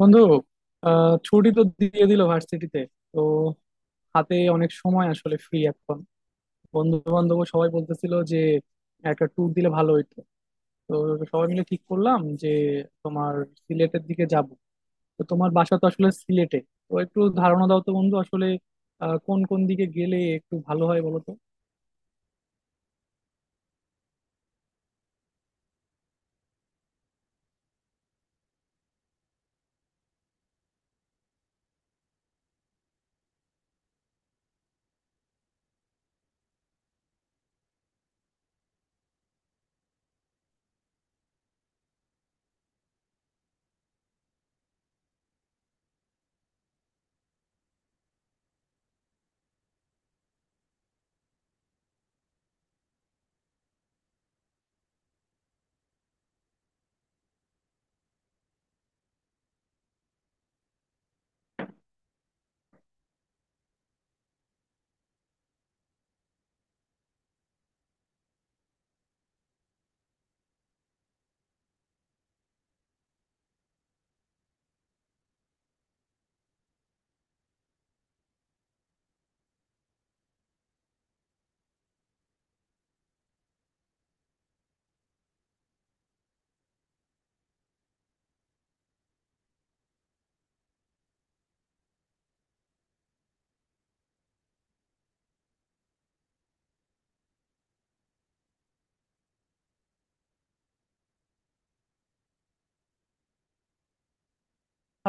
বন্ধু ছুটি তো দিয়ে দিল ভার্সিটিতে। তো হাতে অনেক সময় আসলে ফ্রি এখন। বন্ধু বান্ধব সবাই বলতেছিল যে একটা ট্যুর দিলে ভালো হইতো। তো সবাই মিলে ঠিক করলাম যে তোমার সিলেটের দিকে যাব। তো তোমার বাসা তো আসলে সিলেটে। তো একটু ধারণা দাও তো বন্ধু আসলে কোন কোন দিকে গেলে একটু ভালো হয় বলো তো।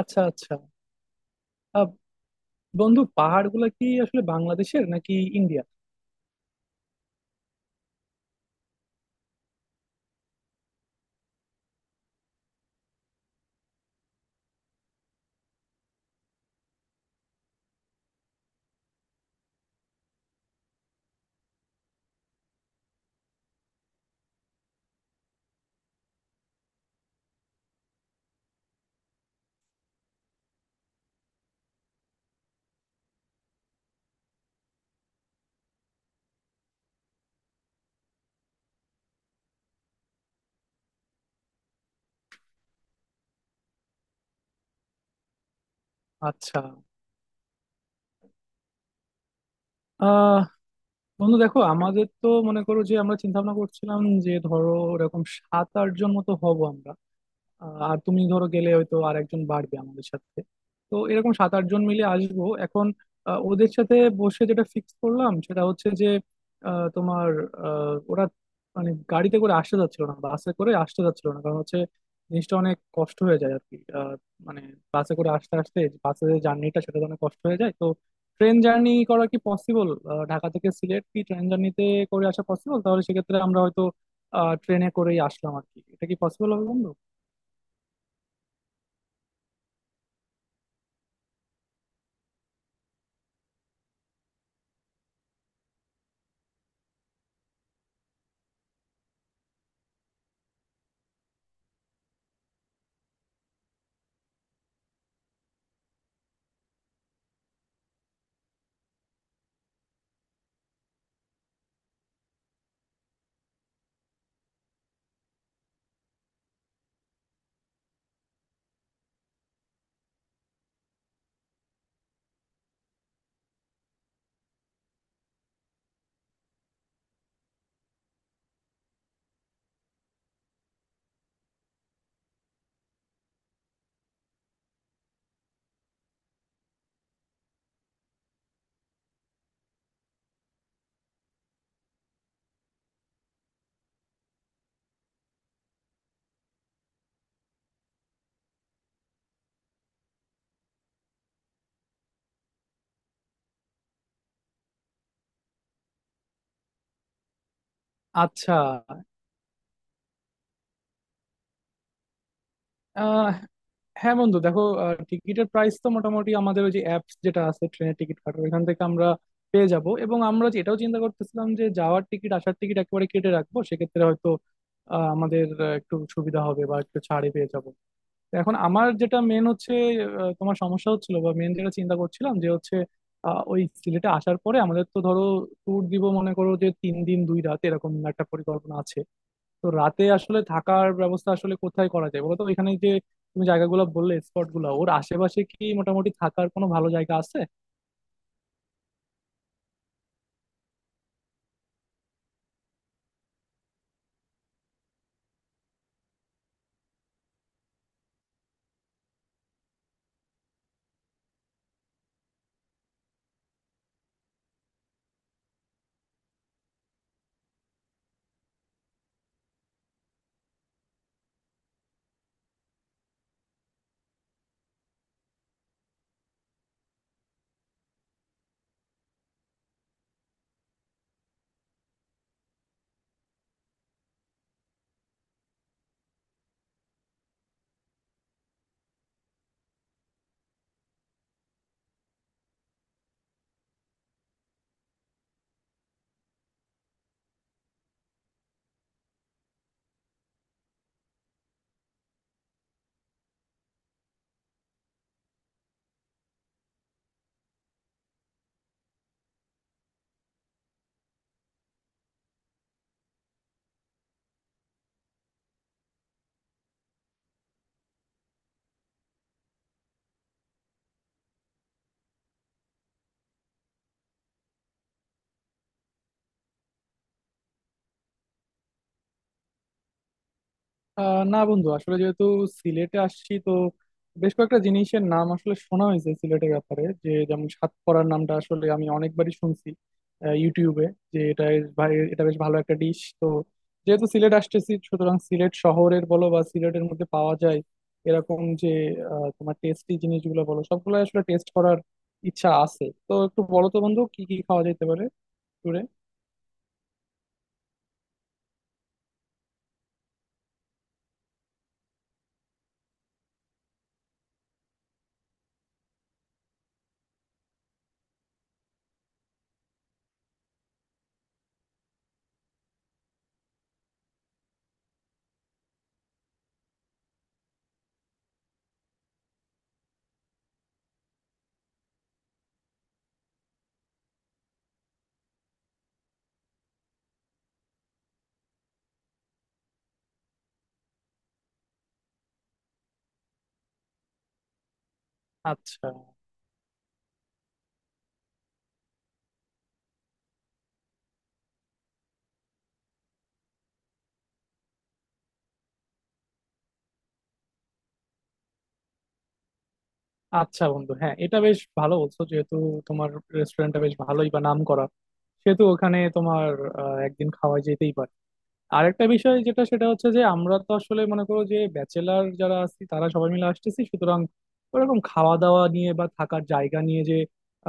আচ্ছা আচ্ছা। আহ, বন্ধু পাহাড়গুলো কি আসলে বাংলাদেশের নাকি ইন্ডিয়া? আচ্ছা বন্ধু দেখো আমাদের তো মনে করো যে আমরা চিন্তা ভাবনা করছিলাম যে ধরো এরকম 7-8 জন মতো হব আমরা। আর তুমি ধরো গেলে হয়তো আর একজন বাড়বে আমাদের সাথে। তো এরকম 7-8 জন মিলে আসবো এখন। ওদের সাথে বসে যেটা ফিক্স করলাম সেটা হচ্ছে যে তোমার ওরা মানে গাড়িতে করে আসতে যাচ্ছিল না, বাসে করে আসতে যাচ্ছিল না, কারণ হচ্ছে জিনিসটা অনেক কষ্ট হয়ে যায় আর কি। মানে বাসে করে আসতে আসতে, বাসে যে জার্নিটা সেটা তো অনেক কষ্ট হয়ে যায়। তো ট্রেন জার্নি করা কি পসিবল? ঢাকা থেকে সিলেট কি ট্রেন জার্নিতে করে আসা পসিবল? তাহলে সেক্ষেত্রে আমরা হয়তো ট্রেনে করেই আসলাম আর কি। এটা কি পসিবল হবে বন্ধু? আচ্ছা। আহ, হ্যাঁ বন্ধু দেখো, টিকিটের প্রাইস তো মোটামুটি আমাদের ওই যে অ্যাপস যেটা আছে ট্রেনের টিকিট কাটার, ওইখান থেকে আমরা পেয়ে যাব। এবং আমরা যে এটাও চিন্তা করতেছিলাম যে যাওয়ার টিকিট আসার টিকিট একেবারে কেটে রাখবো, সেক্ষেত্রে হয়তো আমাদের একটু সুবিধা হবে বা একটু ছাড়ে পেয়ে যাব। এখন আমার যেটা মেন হচ্ছে, তোমার সমস্যা হচ্ছিল বা মেন যেটা চিন্তা করছিলাম যে হচ্ছে ওই সিলেটে আসার পরে আমাদের তো ধরো ট্যুর দিব, মনে করো যে 3 দিন 2 রাত এরকম একটা পরিকল্পনা আছে। তো রাতে আসলে থাকার ব্যবস্থা আসলে কোথায় করা যায় বলো তো, এখানে যে তুমি জায়গাগুলো বললে স্পট গুলো, ওর আশেপাশে কি মোটামুটি থাকার কোনো ভালো জায়গা আছে? না বন্ধু আসলে যেহেতু সিলেটে আসছি তো, বেশ কয়েকটা জিনিসের নাম আসলে শোনা হয়েছে সিলেটের ব্যাপারে, যে যেমন সাতকরার নামটা আসলে আমি অনেকবারই শুনছি ইউটিউবে, যে এটা ভাই এটা বেশ ভালো একটা ডিশ। তো যেহেতু সিলেট আসতেছি, সুতরাং সিলেট শহরের বলো বা সিলেটের মধ্যে পাওয়া যায় এরকম যে তোমার টেস্টি জিনিসগুলো বলো, সবগুলো আসলে টেস্ট করার ইচ্ছা আছে। তো একটু বলো তো বন্ধু কি কি খাওয়া যেতে পারে ট্যুরে। আচ্ছা আচ্ছা বন্ধু, হ্যাঁ এটা বেশ ভালো বলছো। যেহেতু তোমার রেস্টুরেন্টটা বেশ ভালোই বা নাম করা, সেহেতু ওখানে তোমার একদিন খাওয়া যেতেই পারে। আরেকটা বিষয় যেটা, সেটা হচ্ছে যে আমরা তো আসলে মনে করো যে ব্যাচেলার যারা আছি তারা সবাই মিলে আসতেছি, সুতরাং ওরকম খাওয়া দাওয়া নিয়ে বা থাকার জায়গা নিয়ে যে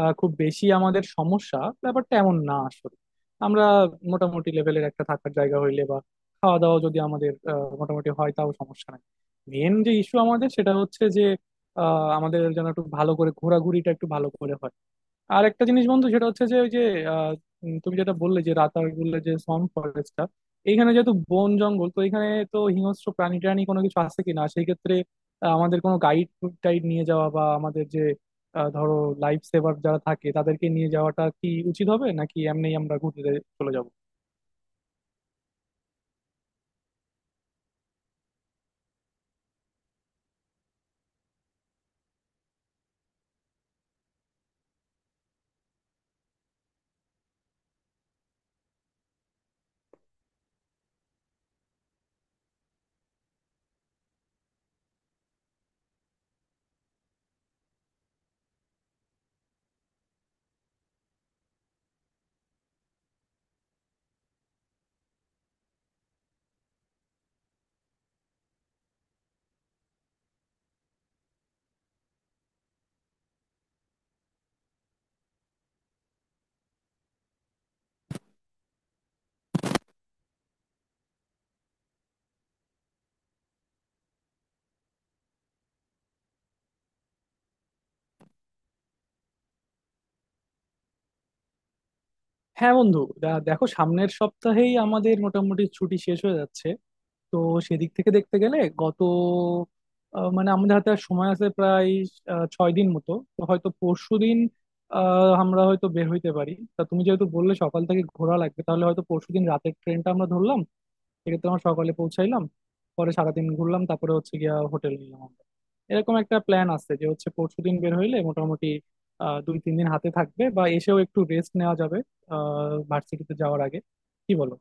খুব বেশি আমাদের সমস্যা, ব্যাপারটা এমন না আসলে। আমরা মোটামুটি লেভেলের একটা থাকার জায়গা হইলে বা খাওয়া দাওয়া যদি আমাদের মোটামুটি হয় তাও সমস্যা নাই। মেন যে ইস্যু আমাদের সেটা হচ্ছে যে আমাদের যেন একটু ভালো করে ঘোরাঘুরিটা একটু ভালো করে হয়। আর একটা জিনিস বন্ধু, সেটা হচ্ছে যে ওই যে আহ, তুমি যেটা বললে যে রাতারগুলে যে সন ফরেস্টটা, এইখানে যেহেতু বন জঙ্গল, তো এখানে তো হিংস্র প্রাণী টাণী কোনো কিছু আছে কিনা? সেই ক্ষেত্রে আমাদের কোনো গাইড টাইড নিয়ে যাওয়া বা আমাদের যে ধরো লাইফ সেভার যারা থাকে তাদেরকে নিয়ে যাওয়াটা কি উচিত হবে, নাকি এমনি আমরা ঘুরতে চলে যাব? হ্যাঁ বন্ধু দেখো, সামনের সপ্তাহেই আমাদের মোটামুটি ছুটি শেষ হয়ে যাচ্ছে। তো সেদিক থেকে দেখতে গেলে গত মানে আমাদের হাতে আর সময় আছে প্রায় 6 দিন মতো। তো হয়তো পরশু দিন আমরা হয়তো বের হইতে পারি। তা তুমি যেহেতু বললে সকাল থেকে ঘোরা লাগবে, তাহলে হয়তো পরশু দিন রাতের ট্রেনটা আমরা ধরলাম, সেক্ষেত্রে আমরা সকালে পৌঁছাইলাম, পরে সারাদিন ঘুরলাম, তারপরে হচ্ছে গিয়া হোটেল নিলাম আমরা। এরকম একটা প্ল্যান আছে যে হচ্ছে পরশু দিন বের হইলে মোটামুটি 2-3 দিন হাতে থাকবে, বা এসেও একটু রেস্ট নেওয়া যাবে ভার্সিটিতে যাওয়ার আগে। কি বলো?